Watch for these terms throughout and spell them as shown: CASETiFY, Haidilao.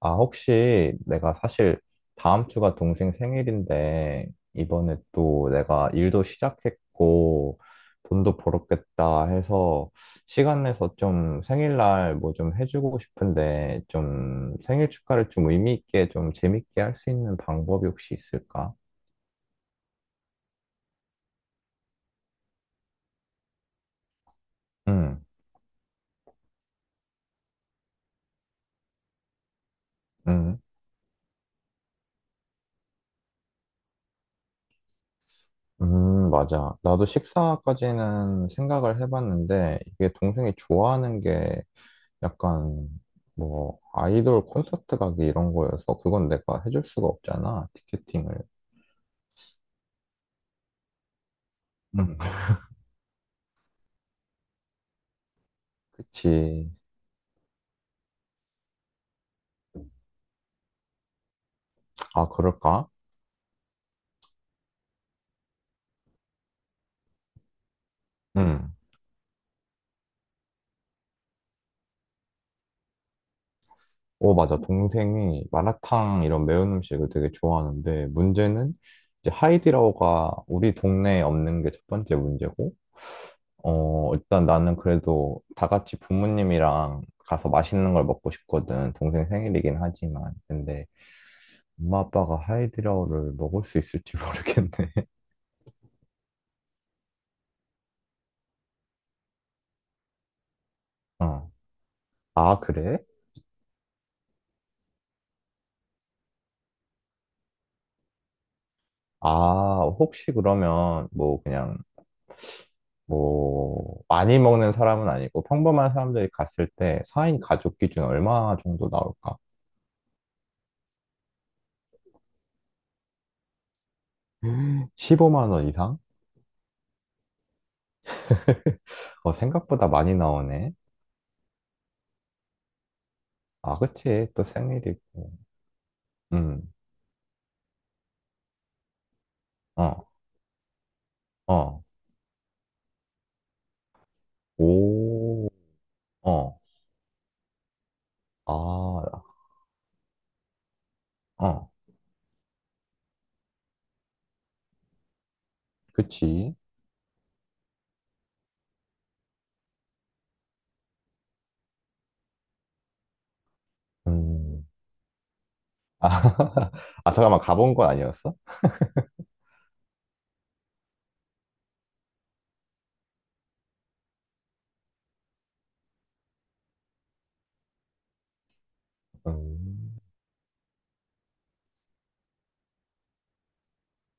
아, 혹시 내가 사실 다음 주가 동생 생일인데, 이번에 또 내가 일도 시작했고, 돈도 벌었겠다 해서, 시간 내서 좀 생일날 뭐 좀 해주고 싶은데, 좀 생일 축하를 좀 의미 있게 좀 재밌게 할 수 있는 방법이 혹시 있을까? 응, 응, 맞아. 나도 식사까지는 생각을 해봤는데, 이게 동생이 좋아하는 게 약간 뭐 아이돌 콘서트 가기 이런 거여서 그건 내가 해줄 수가 없잖아 티켓팅을. 음. 그치. 아, 그럴까? 응. 오, 맞아. 동생이 마라탕 이런 매운 음식을 되게 좋아하는데 문제는 이제 하이디라오가 우리 동네에 없는 게 첫 번째 문제고. 어, 일단 나는 그래도 다 같이 부모님이랑 가서 맛있는 걸 먹고 싶거든. 동생 생일이긴 하지만 근데 엄마 아빠가 하이디라오를 먹을 수 있을지 모르겠네. 어. 아, 그래? 아, 혹시 그러면 뭐 그냥 뭐 많이 먹는 사람은 아니고 평범한 사람들이 갔을 때 4인 가족 기준 얼마 정도 나올까? 15만 원 이상? 어, 생각보다 많이 나오네. 아, 그치. 또 생일이고. 음, 어, 어, 오, 어, 아, 어, 그치. 음, 아, 아, 잠깐만, 가본 건 아니었어? 음,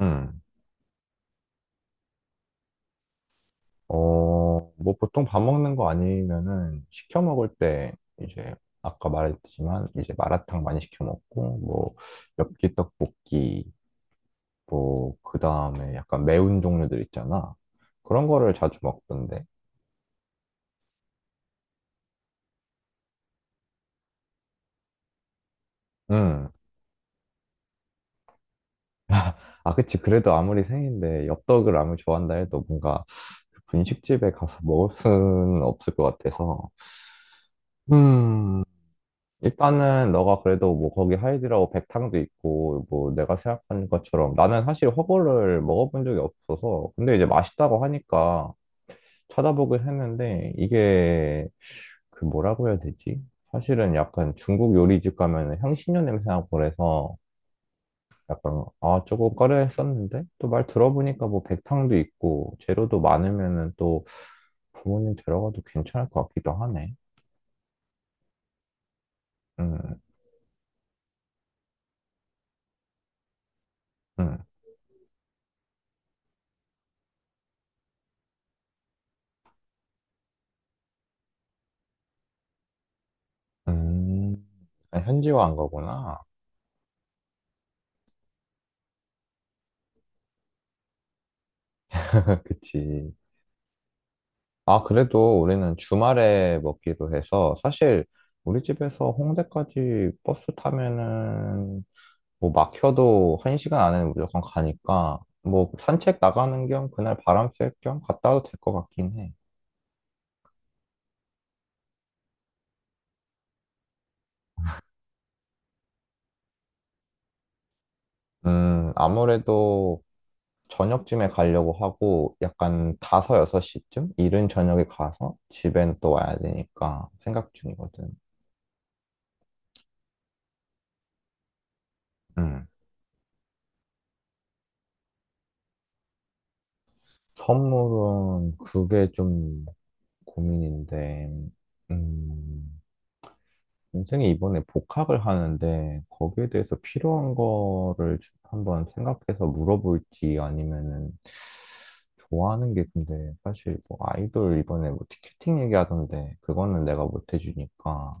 음. 어, 뭐 보통 밥 먹는 거 아니면은 시켜 먹을 때 이제 아까 말했지만 이제 마라탕 많이 시켜 먹고 뭐 엽기 떡볶이 뭐 그다음에 약간 매운 종류들 있잖아. 그런 거를 자주 먹던데. 음. 아, 그치. 그래도 아무리 생인데 엽떡을 아무리 좋아한다 해도 뭔가 그 분식집에 가서 먹을 수는 없을 것 같아서. 음. 일단은 너가 그래도 뭐 거기 하이드라고 백탕도 있고 뭐 내가 생각한 것처럼 나는 사실 허거를 먹어본 적이 없어서 근데 이제 맛있다고 하니까 찾아보긴 했는데 이게 그 뭐라고 해야 되지? 사실은 약간 중국 요리집 가면 향신료 냄새 나고 그래서 약간 아, 조금 꺼려했었는데 또 말 들어보니까 뭐 백탕도 있고 재료도 많으면은 또 부모님 데려가도 괜찮을 것 같기도 하네. 음, 음. 음, 아, 현지화한 거구나. 그치. 아, 그래도 우리는 주말에 먹기로 해서 사실 우리 집에서 홍대까지 버스 타면은 뭐 막혀도 한 시간 안에는 무조건 가니까 뭐 산책 나가는 겸 그날 바람 쐴 겸 갔다 와도 될 것 같긴 해. 아무래도 저녁쯤에 가려고 하고 약간 5, 6시쯤 이른 저녁에 가서 집엔 또 와야 되니까 생각 중이거든. 음. 선물은 그게 좀 고민인데, 음, 동생이 이번에 복학을 하는데, 거기에 대해서 필요한 거를 한번 생각해서 물어볼지 아니면은, 좋아하는 게 근데, 사실 뭐 아이돌 이번에 뭐 티켓팅 얘기하던데, 그거는 내가 못 해주니까,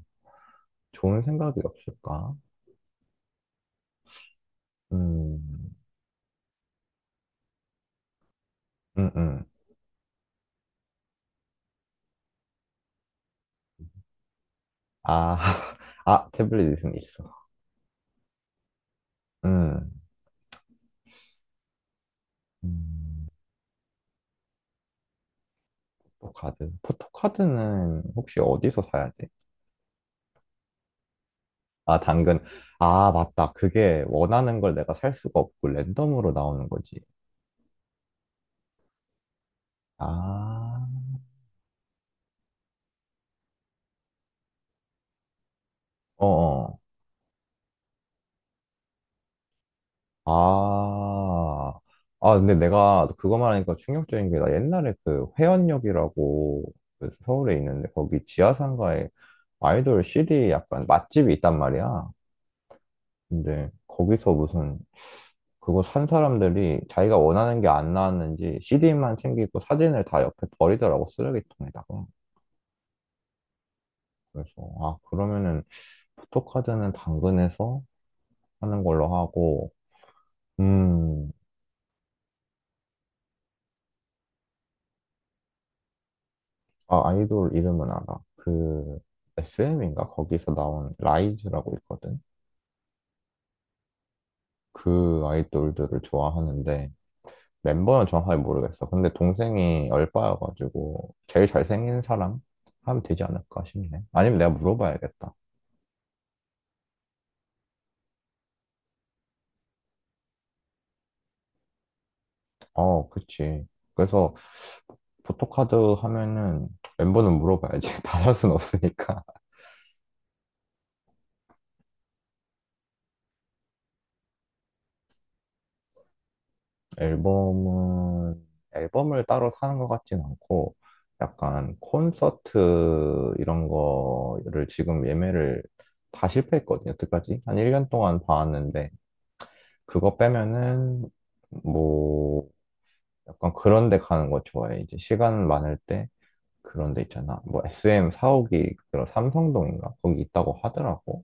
좋은 생각이 없을까? 음, 음, 음. 아, 아, 태블릿은 있어. 음. 음. 포토카드. 포토카드는 혹시 어디서 사야 돼? 아, 당근. 아, 맞다. 그게 원하는 걸 내가 살 수가 없고 랜덤으로 나오는 거지. 아, 어어. 아. 아, 근데 내가 그거 말하니까 충격적인 게 나 옛날에 그 회원역이라고 그 서울에 있는데 거기 지하상가에 아이돌 CD 약간 맛집이 있단 말이야. 근데 거기서 무슨 그거 산 사람들이 자기가 원하는 게 안 나왔는지 CD만 챙기고 사진을 다 옆에 버리더라고, 쓰레기통에다가. 그래서, 아, 그러면은 포토카드는 당근에서 하는 걸로 하고, 음, 아, 아이돌 이름은 알아. 그, SM인가? 거기서 나온 라이즈라고 있거든? 그 아이돌들을 좋아하는데, 멤버는 정확하게 모르겠어. 근데 동생이 얼빠여가지고, 제일 잘생긴 사람? 하면 되지 않을까 싶네. 아니면 내가 물어봐야겠다. 어, 그치. 그래서 포토카드 하면은 멤버는 물어봐야지. 다 살 순 없으니까. 앨범은, 앨범을 따로 사는 것 같진 않고, 약간 콘서트 이런 거를 지금 예매를 다 실패했거든요, 여태까지. 한 1년 동안 봐왔는데, 그거 빼면은, 뭐, 약간 그런 데 가는 거 좋아해. 이제 시간 많을 때, 그런 데 있잖아. 뭐, SM 사옥이, 그런 삼성동인가? 거기 있다고 하더라고.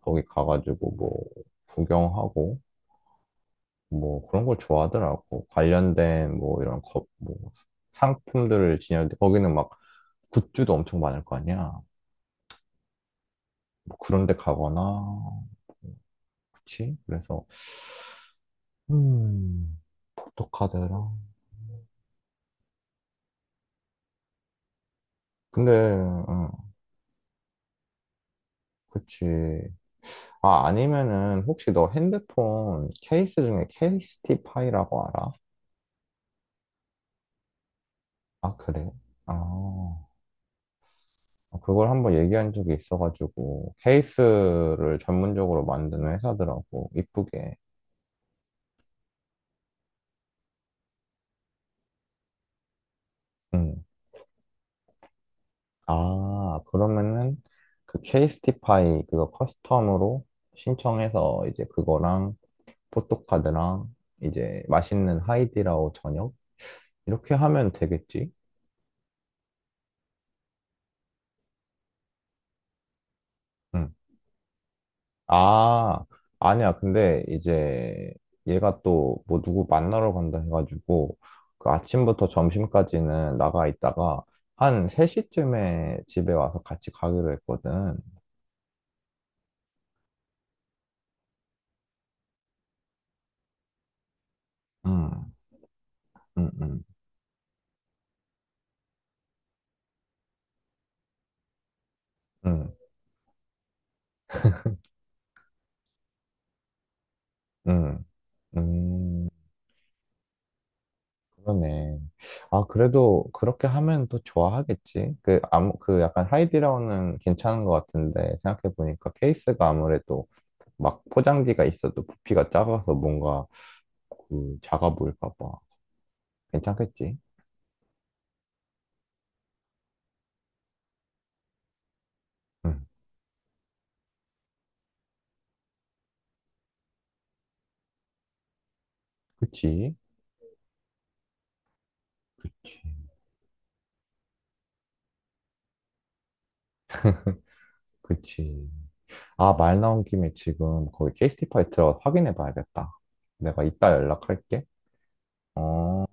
거기 가가지고 뭐 구경하고 뭐 그런 걸 좋아하더라고. 관련된 뭐 이런 거, 뭐 상품들을 지녔는데 거기는 막 굿즈도 엄청 많을 거 아니야. 뭐 그런 데 가거나 뭐 그치? 그래서 음, 포토카드랑 근데 응, 그치. 아, 아니면은 혹시 너 핸드폰 케이스 중에 케이스티파이라고 알아? 아, 그래? 아, 어, 그걸 한번 얘기한 적이 있어가지고 케이스를 전문적으로 만드는 회사더라고 이쁘게. 음. 아, 그러면은 그 케이스티파이 그거 커스텀으로 신청해서 이제 그거랑 포토카드랑 이제 맛있는 하이디라오 저녁 이렇게 하면 되겠지? 음. 아, 아니야. 근데 이제 얘가 또 뭐 누구 만나러 간다 해가지고 그 아침부터 점심까지는 나가 있다가 한 3시쯤에 집에 와서 같이 가기로 했거든. 음, 음, 음, 음, 음, 음, 그러네. 아, 그래도 그렇게 하면 또 좋아하겠지. 그, 그 약간 하이디라운은 괜찮은 것 같은데 생각해보니까 케이스가 아무래도 막 포장지가 있어도 부피가 작아서 뭔가 그 자가 보일까 봐. 괜찮겠지? 응, 그치? 그치. 그치. 아, 말 나온 김에 지금 거기 케이스티파이 들어가서 확인해 봐야겠다. 내가 이따 연락할게. 어.